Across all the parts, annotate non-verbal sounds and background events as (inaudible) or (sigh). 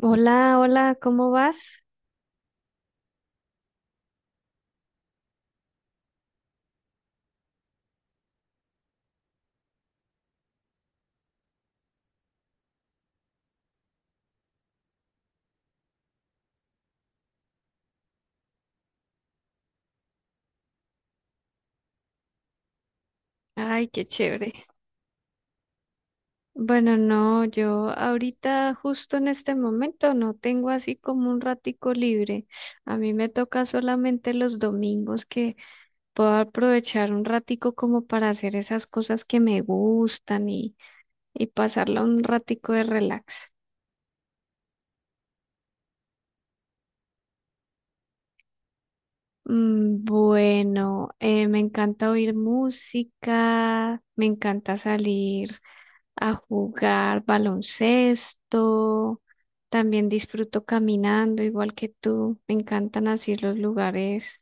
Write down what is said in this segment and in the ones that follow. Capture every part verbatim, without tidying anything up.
Hola, hola, ¿cómo vas? Ay, qué chévere. Bueno, no, yo ahorita justo en este momento no tengo así como un ratico libre. A mí me toca solamente los domingos que puedo aprovechar un ratico como para hacer esas cosas que me gustan y, y pasarla un ratico de relax. Mm, Bueno, eh, me encanta oír música, me encanta salir a jugar baloncesto. También disfruto caminando, igual que tú. Me encantan así los lugares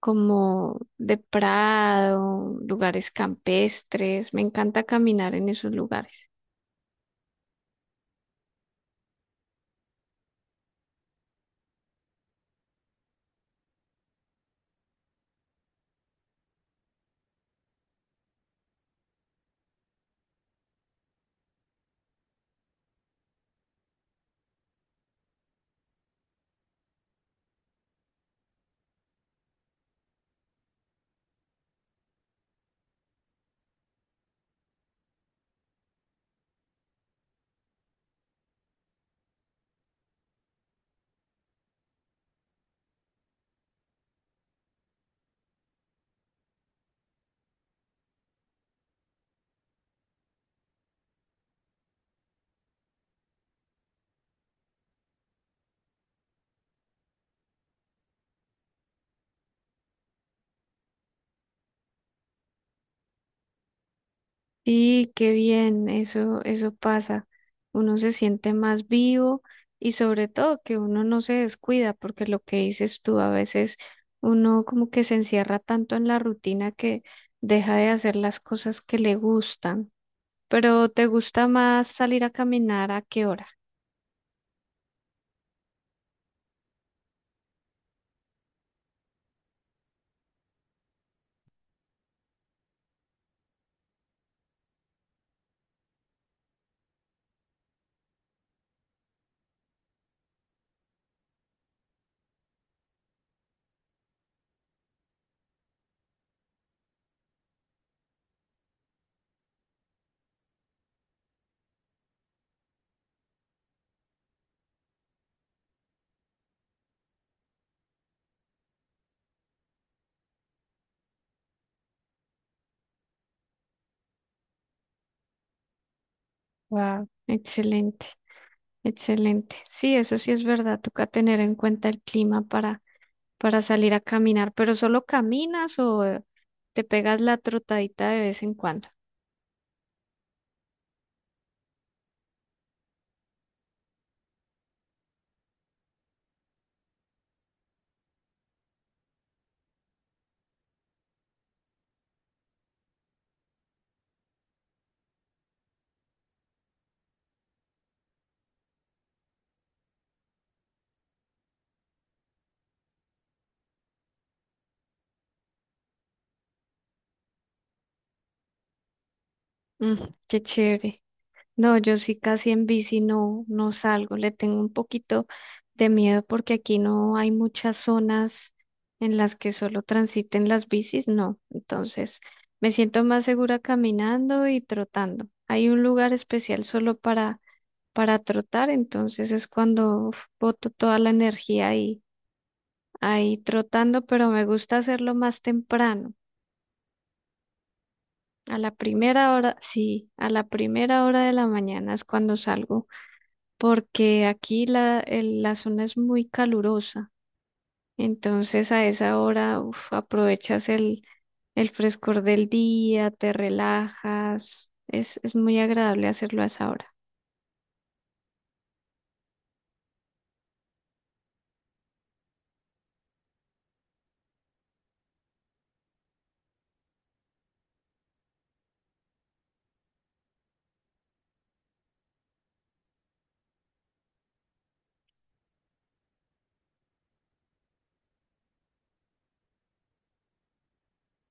como de prado, lugares campestres. Me encanta caminar en esos lugares. Y qué bien, eso, eso pasa. Uno se siente más vivo y sobre todo que uno no se descuida, porque lo que dices tú, a veces uno como que se encierra tanto en la rutina que deja de hacer las cosas que le gustan. Pero ¿te gusta más salir a caminar a qué hora? Wow, excelente, excelente. Sí, eso sí es verdad, toca tener en cuenta el clima para para salir a caminar, pero solo caminas o eh, te pegas la trotadita de vez en cuando. Mm, qué chévere. No, yo sí casi en bici no, no salgo, le tengo un poquito de miedo porque aquí no hay muchas zonas en las que solo transiten las bicis, no. Entonces, me siento más segura caminando y trotando. Hay un lugar especial solo para para trotar, entonces es cuando uf, boto toda la energía ahí trotando, pero me gusta hacerlo más temprano. A la primera hora, sí, a la primera hora de la mañana es cuando salgo, porque aquí la, el- la zona es muy calurosa. Entonces a esa hora, uf, aprovechas el, el frescor del día, te relajas. Es, es muy agradable hacerlo a esa hora.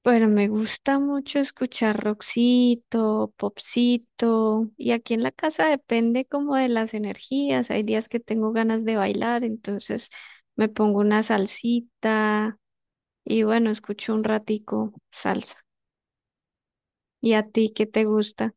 Bueno, me gusta mucho escuchar rockcito, popcito, y aquí en la casa depende como de las energías. Hay días que tengo ganas de bailar, entonces me pongo una salsita y bueno, escucho un ratico salsa. ¿Y a ti qué te gusta?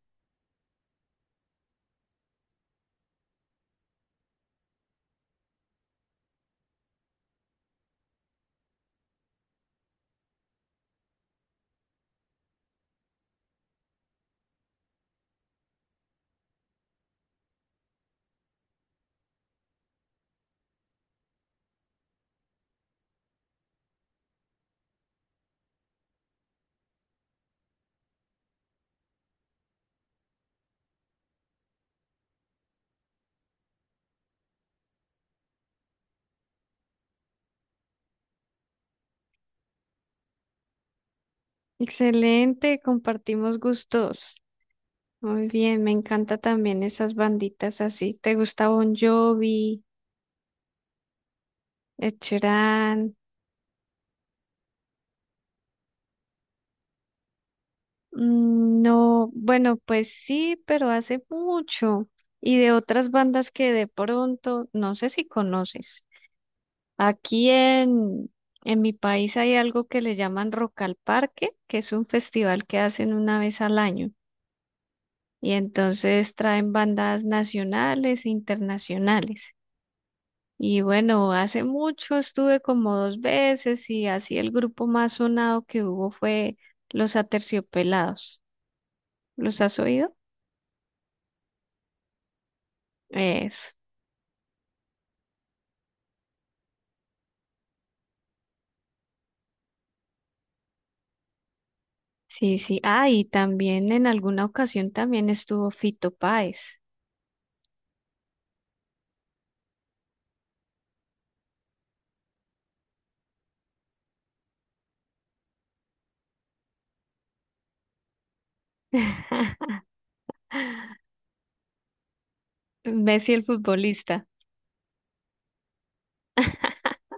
Excelente, compartimos gustos. Muy bien, me encanta también esas banditas así. ¿Te gusta Bon Jovi, Ed Sheeran? Mm, No, bueno, pues sí, pero hace mucho. Y de otras bandas que de pronto, no sé si conoces. Aquí en, en mi país hay algo que le llaman Rock al Parque, que es un festival que hacen una vez al año. Y entonces traen bandas nacionales e internacionales. Y bueno, hace mucho estuve como dos veces y así el grupo más sonado que hubo fue Los Aterciopelados. ¿Los has oído? Eso. Sí, sí. Ah, y también en alguna ocasión también estuvo Fito Páez. (laughs) Messi el futbolista. (laughs)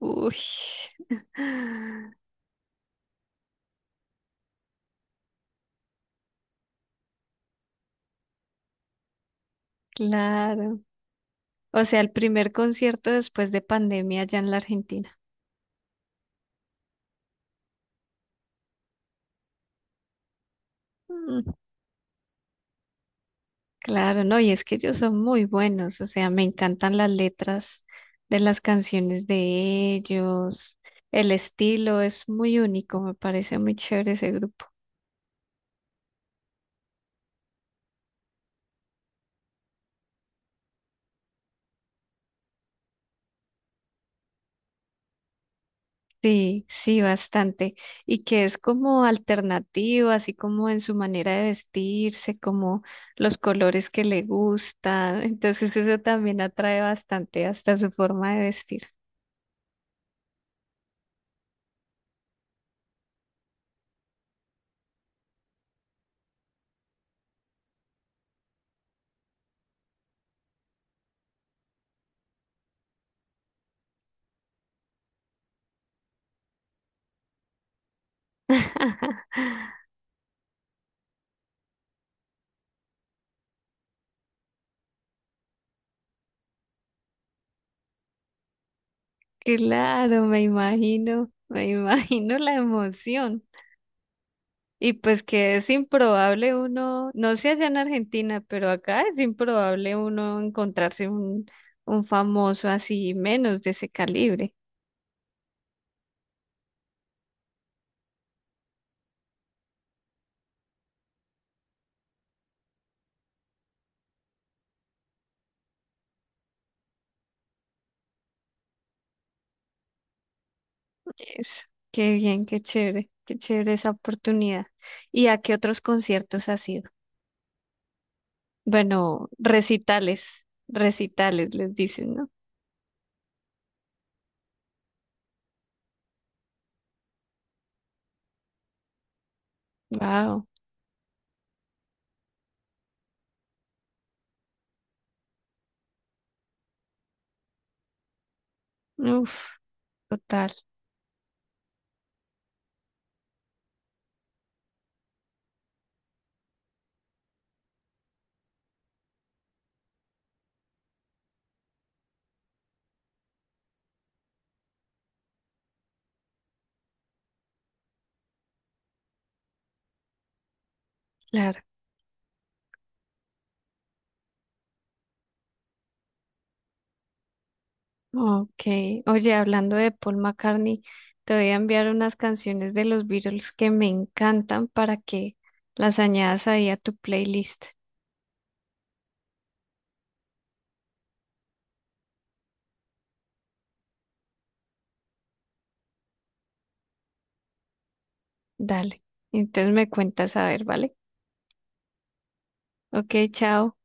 Uy, (laughs) claro. O sea, el primer concierto después de pandemia allá en la Argentina. Mm, claro, no, y es que ellos son muy buenos, o sea, me encantan las letras de las canciones de ellos, el estilo es muy único, me parece muy chévere ese grupo. Sí, sí, bastante. Y que es como alternativo, así como en su manera de vestirse, como los colores que le gustan. (laughs) Entonces eso también atrae bastante hasta su forma de vestir. (laughs) Claro, me imagino, me (laughs) imagino la emoción. Y pues que es improbable uno, no sé allá en Argentina, pero acá es improbable uno encontrarse un, un, famoso así menos de ese calibre. Es, qué bien, qué chévere, qué chévere esa oportunidad. ¿Y a qué otros conciertos has ido? Bueno, recitales, recitales les dicen, ¿no? Wow, uf, total, claro. Okay, oye, hablando de Paul McCartney, te voy a enviar unas canciones de los Beatles que me encantan para que las añadas ahí a tu playlist. Dale, entonces me cuentas a ver, ¿vale? Ok, chao.